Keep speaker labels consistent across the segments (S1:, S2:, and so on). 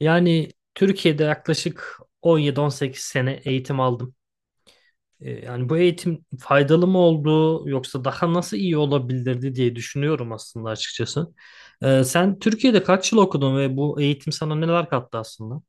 S1: Yani Türkiye'de yaklaşık 17-18 sene eğitim aldım. Yani bu eğitim faydalı mı oldu yoksa daha nasıl iyi olabilirdi diye düşünüyorum aslında açıkçası. Sen Türkiye'de kaç yıl okudun ve bu eğitim sana neler kattı aslında?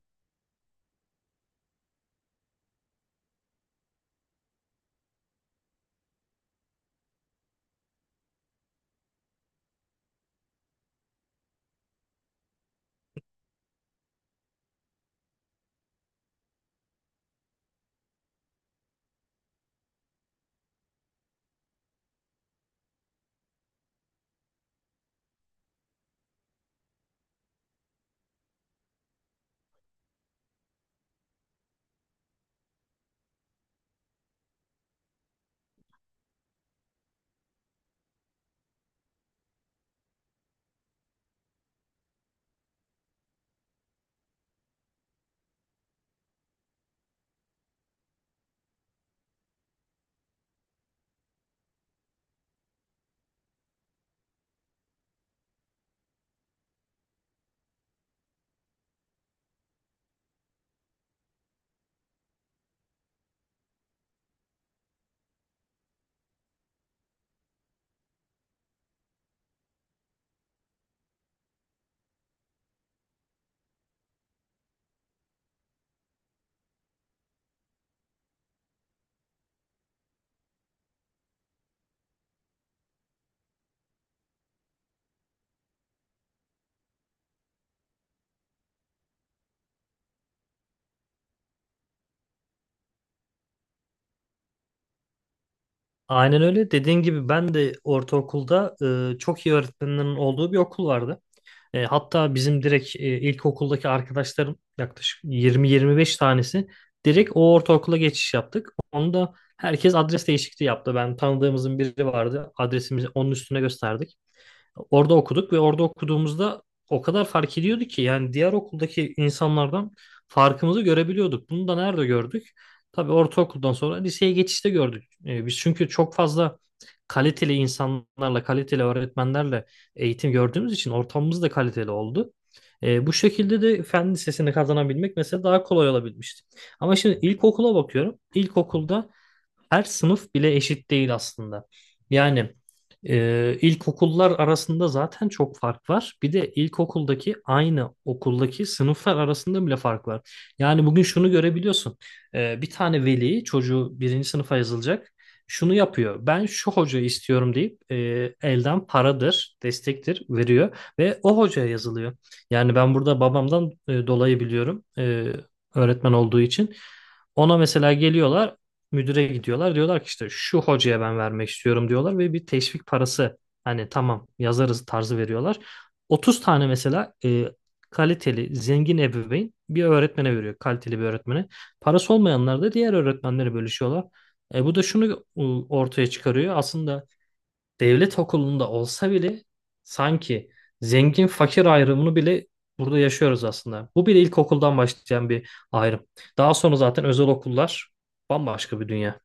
S1: Aynen öyle. Dediğin gibi ben de ortaokulda çok iyi öğretmenlerin olduğu bir okul vardı. Hatta bizim direkt ilkokuldaki arkadaşlarım yaklaşık 20-25 tanesi direkt o ortaokula geçiş yaptık. Onu da herkes adres değişikliği yaptı. Ben tanıdığımızın biri vardı. Adresimizi onun üstüne gösterdik. Orada okuduk ve orada okuduğumuzda o kadar fark ediyordu ki yani diğer okuldaki insanlardan farkımızı görebiliyorduk. Bunu da nerede gördük? Tabii ortaokuldan sonra liseye geçişte gördük. Biz çünkü çok fazla kaliteli insanlarla, kaliteli öğretmenlerle eğitim gördüğümüz için ortamımız da kaliteli oldu. Bu şekilde de fen lisesini kazanabilmek mesela daha kolay olabilmişti. Ama şimdi ilkokula bakıyorum. İlkokulda her sınıf bile eşit değil aslında. Yani ilkokullar arasında zaten çok fark var. Bir de ilkokuldaki aynı okuldaki sınıflar arasında bile fark var. Yani bugün şunu görebiliyorsun. Bir tane veli çocuğu birinci sınıfa yazılacak. Şunu yapıyor. Ben şu hocayı istiyorum deyip elden paradır, destektir veriyor ve o hocaya yazılıyor. Yani ben burada babamdan dolayı biliyorum öğretmen olduğu için. Ona mesela geliyorlar müdüre gidiyorlar. Diyorlar ki işte şu hocaya ben vermek istiyorum diyorlar ve bir teşvik parası hani tamam yazarız tarzı veriyorlar. 30 tane mesela kaliteli, zengin ebeveyn bir öğretmene veriyor. Kaliteli bir öğretmene. Parası olmayanlar da diğer öğretmenlere bölüşüyorlar. Bu da şunu ortaya çıkarıyor. Aslında devlet okulunda olsa bile sanki zengin fakir ayrımını bile burada yaşıyoruz aslında. Bu bile ilkokuldan başlayan bir ayrım. Daha sonra zaten özel okullar bambaşka bir dünya.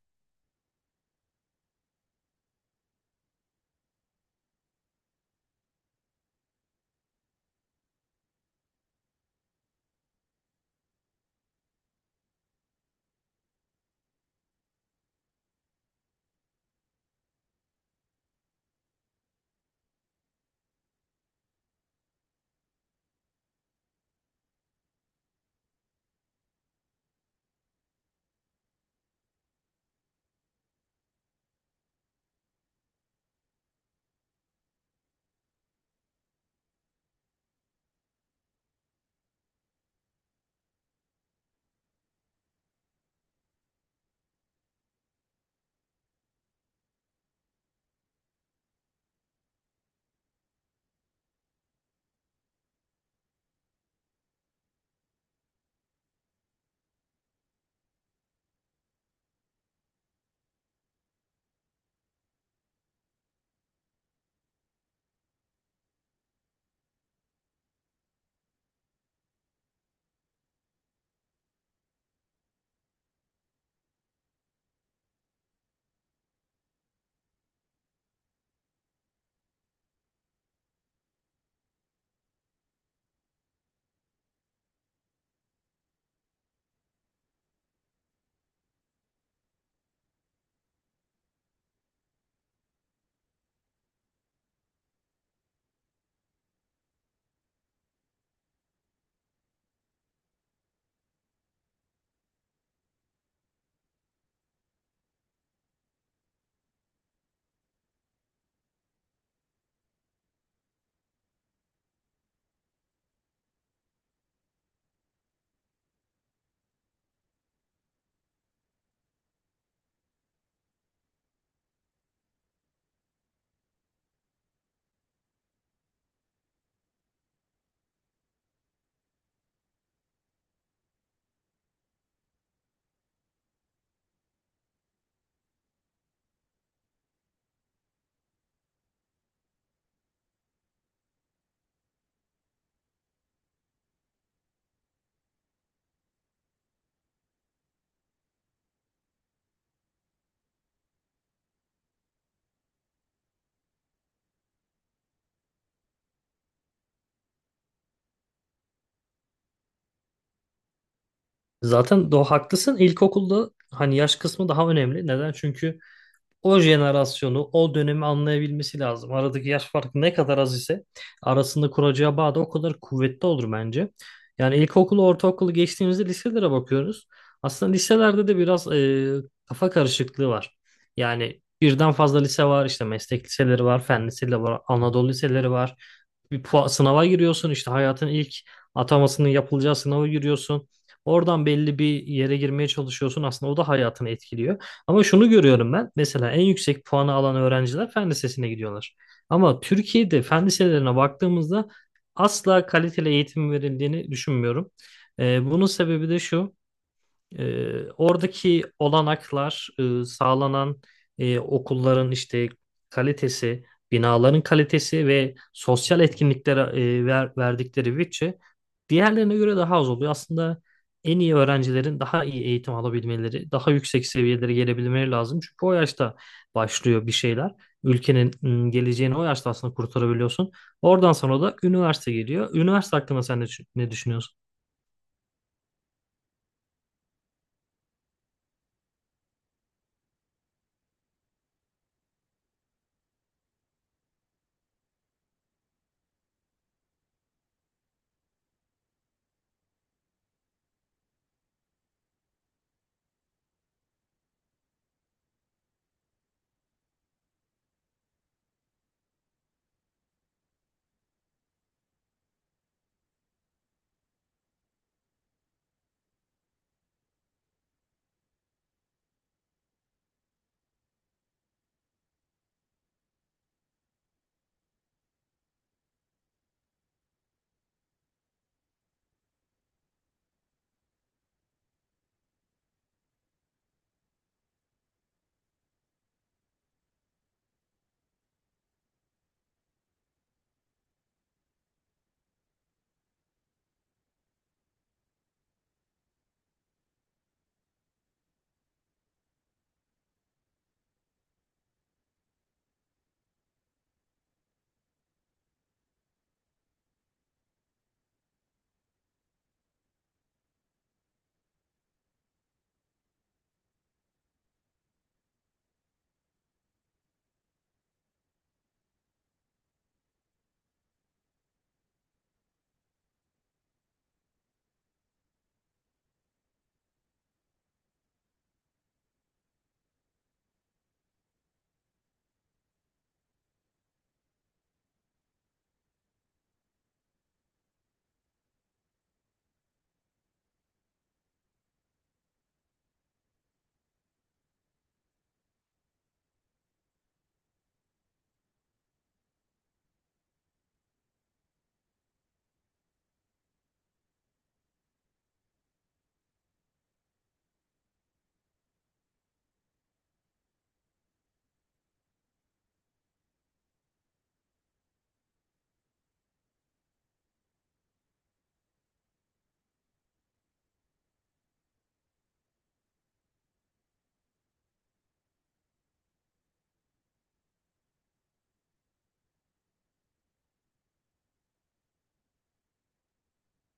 S1: Zaten do haklısın. İlkokulda hani yaş kısmı daha önemli. Neden? Çünkü o jenerasyonu, o dönemi anlayabilmesi lazım. Aradaki yaş farkı ne kadar az ise arasında kuracağı bağ da o kadar kuvvetli olur bence. Yani ilkokulu, ortaokulu geçtiğimizde liselere bakıyoruz. Aslında liselerde de biraz kafa karışıklığı var. Yani birden fazla lise var, işte meslek liseleri var, fen liseleri var, Anadolu liseleri var. Sınava giriyorsun, işte hayatın ilk atamasının yapılacağı sınava giriyorsun. Oradan belli bir yere girmeye çalışıyorsun. Aslında o da hayatını etkiliyor. Ama şunu görüyorum ben. Mesela en yüksek puanı alan öğrenciler fen lisesine gidiyorlar. Ama Türkiye'de fen liselerine baktığımızda asla kaliteli eğitim verildiğini düşünmüyorum. Bunun sebebi de şu. Oradaki olanaklar, sağlanan okulların işte kalitesi, binaların kalitesi ve sosyal etkinliklere verdikleri bütçe diğerlerine göre daha az oluyor. Aslında en iyi öğrencilerin daha iyi eğitim alabilmeleri, daha yüksek seviyelere gelebilmeleri lazım. Çünkü o yaşta başlıyor bir şeyler. Ülkenin geleceğini o yaşta aslında kurtarabiliyorsun. Oradan sonra da üniversite geliyor. Üniversite hakkında sen ne düşünüyorsun?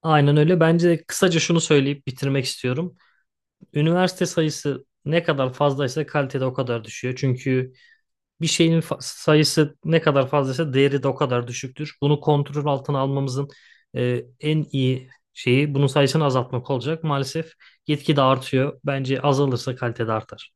S1: Aynen öyle. Bence de kısaca şunu söyleyip bitirmek istiyorum. Üniversite sayısı ne kadar fazlaysa kalitede o kadar düşüyor. Çünkü sayısı ne kadar fazlaysa değeri de o kadar düşüktür. Bunu kontrol altına almamızın en iyi şeyi bunun sayısını azaltmak olacak. Maalesef gitgide artıyor. Bence azalırsa kalitede artar.